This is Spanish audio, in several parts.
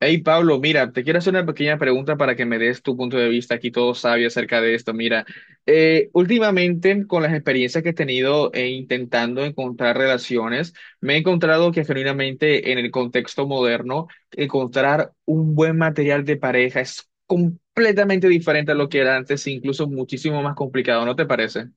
Hey Pablo, mira, te quiero hacer una pequeña pregunta para que me des tu punto de vista aquí todo sabio acerca de esto. Mira, últimamente con las experiencias que he tenido e intentando encontrar relaciones, me he encontrado que genuinamente en el contexto moderno, encontrar un buen material de pareja es completamente diferente a lo que era antes, e incluso muchísimo más complicado, ¿no te parece?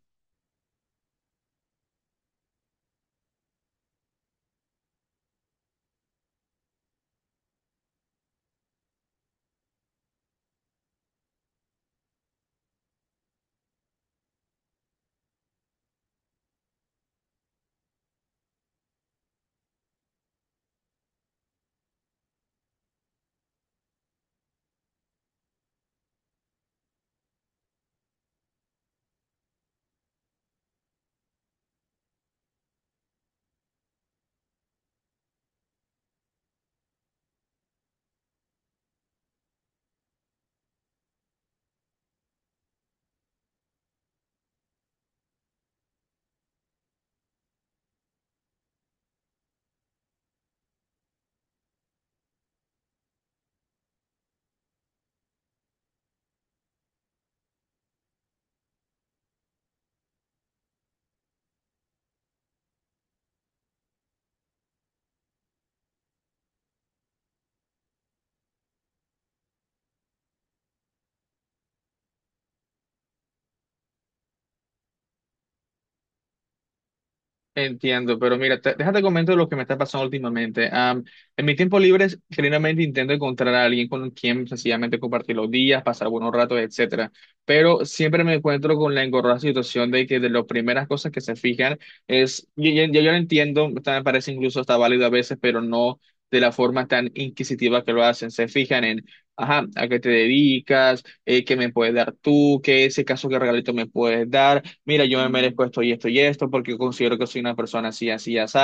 Entiendo, pero mira, déjate comento lo que me está pasando últimamente. En mi tiempo libre, generalmente intento encontrar a alguien con quien sencillamente compartir los días, pasar buenos ratos, etcétera. Pero siempre me encuentro con la engorrosa situación de que de las primeras cosas que se fijan es, yo, yo lo entiendo, hasta me parece incluso está válido a veces, pero no de la forma tan inquisitiva que lo hacen. Se fijan en, ajá, ¿a qué te dedicas? ¿Qué me puedes dar tú? ¿Qué ese caso, qué regalito me puedes dar? Mira, yo me merezco esto y esto y esto porque considero que soy una persona así, así, así.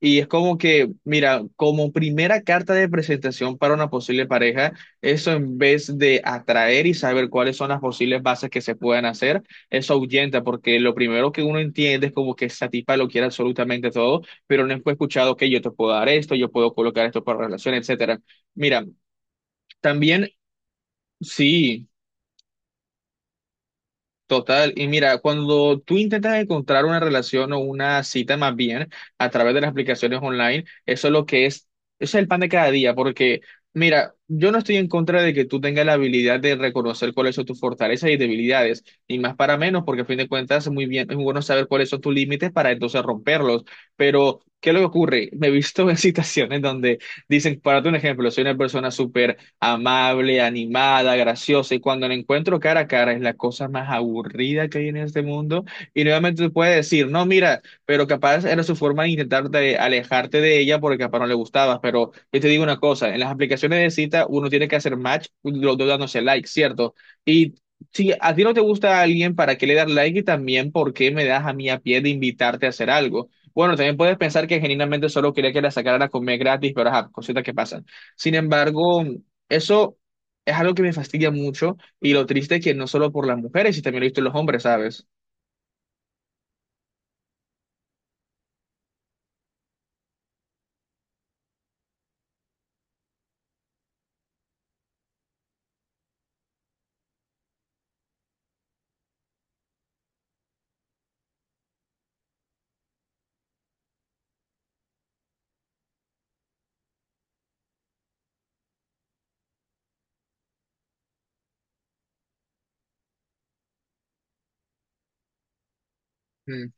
Y es como que, mira, como primera carta de presentación para una posible pareja, eso en vez de atraer y saber cuáles son las posibles bases que se pueden hacer, eso ahuyenta porque lo primero que uno entiende es como que esa tipa lo quiere absolutamente todo, pero no fue escuchado que yo te puedo dar esto, yo puedo colocar esto para relación, etcétera. Mira, también... Sí, total, y mira, cuando tú intentas encontrar una relación o una cita más bien a través de las aplicaciones online, eso es lo que es, eso es el pan de cada día, porque mira, yo no estoy en contra de que tú tengas la habilidad de reconocer cuáles son tus fortalezas y debilidades, ni más para menos, porque a fin de cuentas es muy bien, es muy bueno saber cuáles son tus límites para entonces romperlos, pero ¿qué es lo que ocurre? Me he visto en situaciones donde dicen, para un ejemplo, soy una persona súper amable, animada, graciosa. Y cuando la encuentro cara a cara es la cosa más aburrida que hay en este mundo. Y nuevamente te puede decir, no, mira, pero capaz era su forma de intentar de alejarte de ella porque capaz no le gustabas. Pero yo te digo una cosa, en las aplicaciones de cita uno tiene que hacer match, los dos dándose like, ¿cierto? Y si a ti no te gusta a alguien, ¿para qué le das like? Y también, ¿por qué me das a mí a pie de invitarte a hacer algo? Bueno, también puedes pensar que genuinamente solo quería que la sacaran a comer gratis, pero ajá, cositas que pasan. Sin embargo, eso es algo que me fastidia mucho y lo triste es que no solo por las mujeres, y también lo he visto en los hombres, ¿sabes? Mm,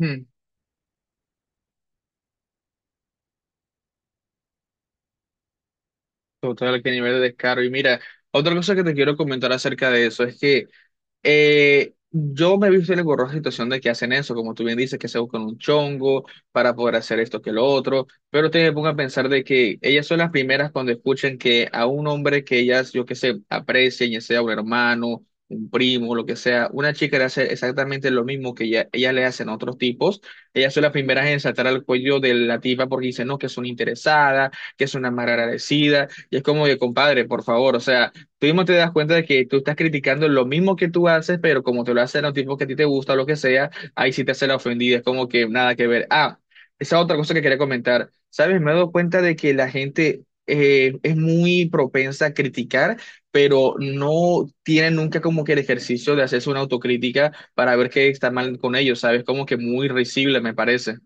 mm. Total, qué nivel de descaro. Y mira, otra cosa que te quiero comentar acerca de eso es que yo me he visto en la engorrosa situación de que hacen eso, como tú bien dices, que se buscan un chongo para poder hacer esto que lo otro, pero te pongo a pensar de que ellas son las primeras cuando escuchan que a un hombre que ellas, yo que sé, aprecian, ya sea un hermano, un primo, lo que sea, una chica le hace exactamente lo mismo que ella, ellas le hacen a otros tipos, ellas son las primeras en saltar al cuello de la tipa porque dicen, no, que es una interesada, que es una mal agradecida, y es como de, compadre, por favor, o sea. Tú mismo te das cuenta de que tú estás criticando lo mismo que tú haces, pero como te lo hacen a un tipo que a ti te gusta o lo que sea, ahí sí te hace la ofendida, es como que nada que ver. Ah, esa otra cosa que quería comentar. ¿Sabes? Me he dado cuenta de que la gente es muy propensa a criticar, pero no tiene nunca como que el ejercicio de hacerse una autocrítica para ver qué está mal con ellos, ¿sabes? Como que muy risible, me parece.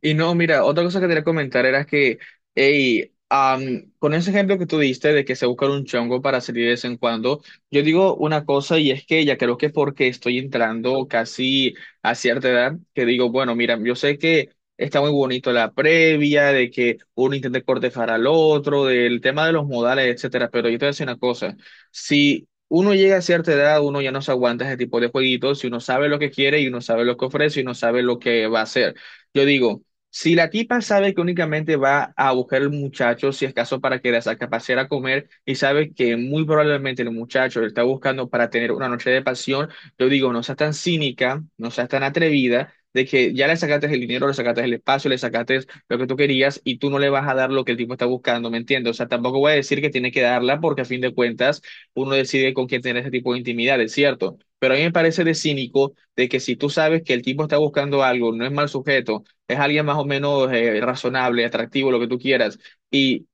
Y no, mira, otra cosa que quería comentar era que, hey, con ese ejemplo que tú diste de que se busca un chongo para salir de vez en cuando, yo digo una cosa y es que ya creo que es porque estoy entrando casi a cierta edad, que digo, bueno, mira, yo sé que está muy bonito la previa, de que uno intente cortejar al otro, del tema de los modales, etcétera, pero yo te voy a decir una cosa, si uno llega a cierta edad, uno ya no se aguanta ese tipo de jueguitos, si uno sabe lo que quiere y uno sabe lo que ofrece y uno sabe lo que va a hacer. Yo digo, si la tipa sabe que únicamente va a buscar al muchacho, si es caso para que la saque a pasear a comer, y sabe que muy probablemente el muchacho le está buscando para tener una noche de pasión, yo digo, no seas tan cínica, no seas tan atrevida, de que ya le sacaste el dinero, le sacaste el espacio, le sacaste lo que tú querías y tú no le vas a dar lo que el tipo está buscando, ¿me entiendes? O sea, tampoco voy a decir que tiene que darla porque a fin de cuentas uno decide con quién tener ese tipo de intimidad, es cierto. Pero a mí me parece de cínico de que si tú sabes que el tipo está buscando algo, no es mal sujeto, es alguien más o menos razonable, atractivo, lo que tú quieras, y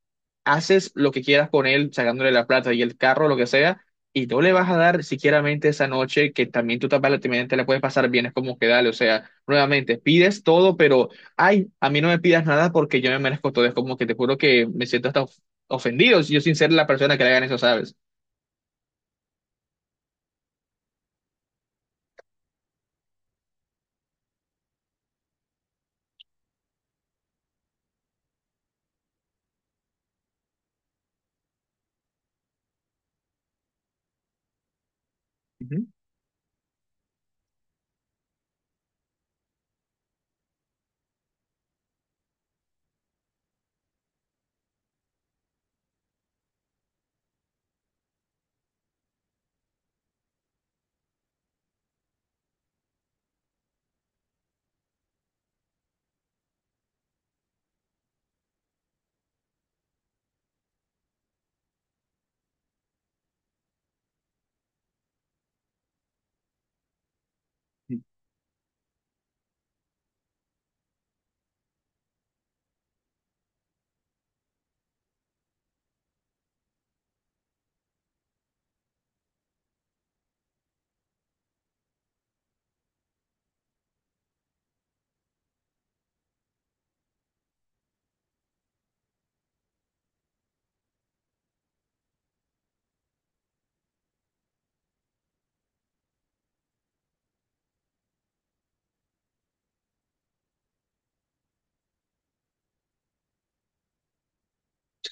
haces lo que quieras con él, sacándole la plata y el carro, lo que sea, y no le vas a dar siquiera mente esa noche que también tú también también te la puedes pasar bien, es como que dale, o sea, nuevamente, pides todo, pero, ay, a mí no me pidas nada porque yo me merezco todo, es como que te juro que me siento hasta ofendido, yo sin ser la persona que le hagan eso, ¿sabes? Ujú.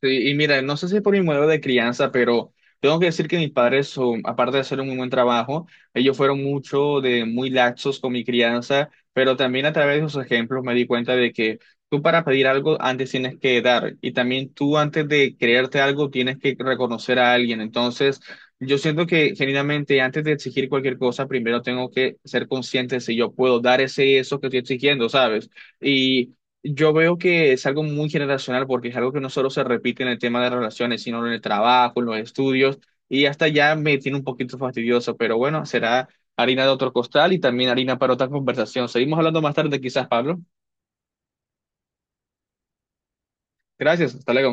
Sí, y mira, no sé si por mi modelo de crianza, pero tengo que decir que mis padres, son, aparte de hacer un muy buen trabajo, ellos fueron mucho de muy laxos con mi crianza, pero también a través de sus ejemplos me di cuenta de que tú para pedir algo antes tienes que dar y también tú antes de creerte algo tienes que reconocer a alguien. Entonces, yo siento que genuinamente antes de exigir cualquier cosa, primero tengo que ser consciente de si yo puedo dar ese eso que estoy exigiendo, ¿sabes? Y yo veo que es algo muy generacional porque es algo que no solo se repite en el tema de relaciones, sino en el trabajo, en los estudios, y hasta ya me tiene un poquito fastidioso, pero bueno, será harina de otro costal y también harina para otra conversación. Seguimos hablando más tarde quizás, Pablo. Gracias, hasta luego.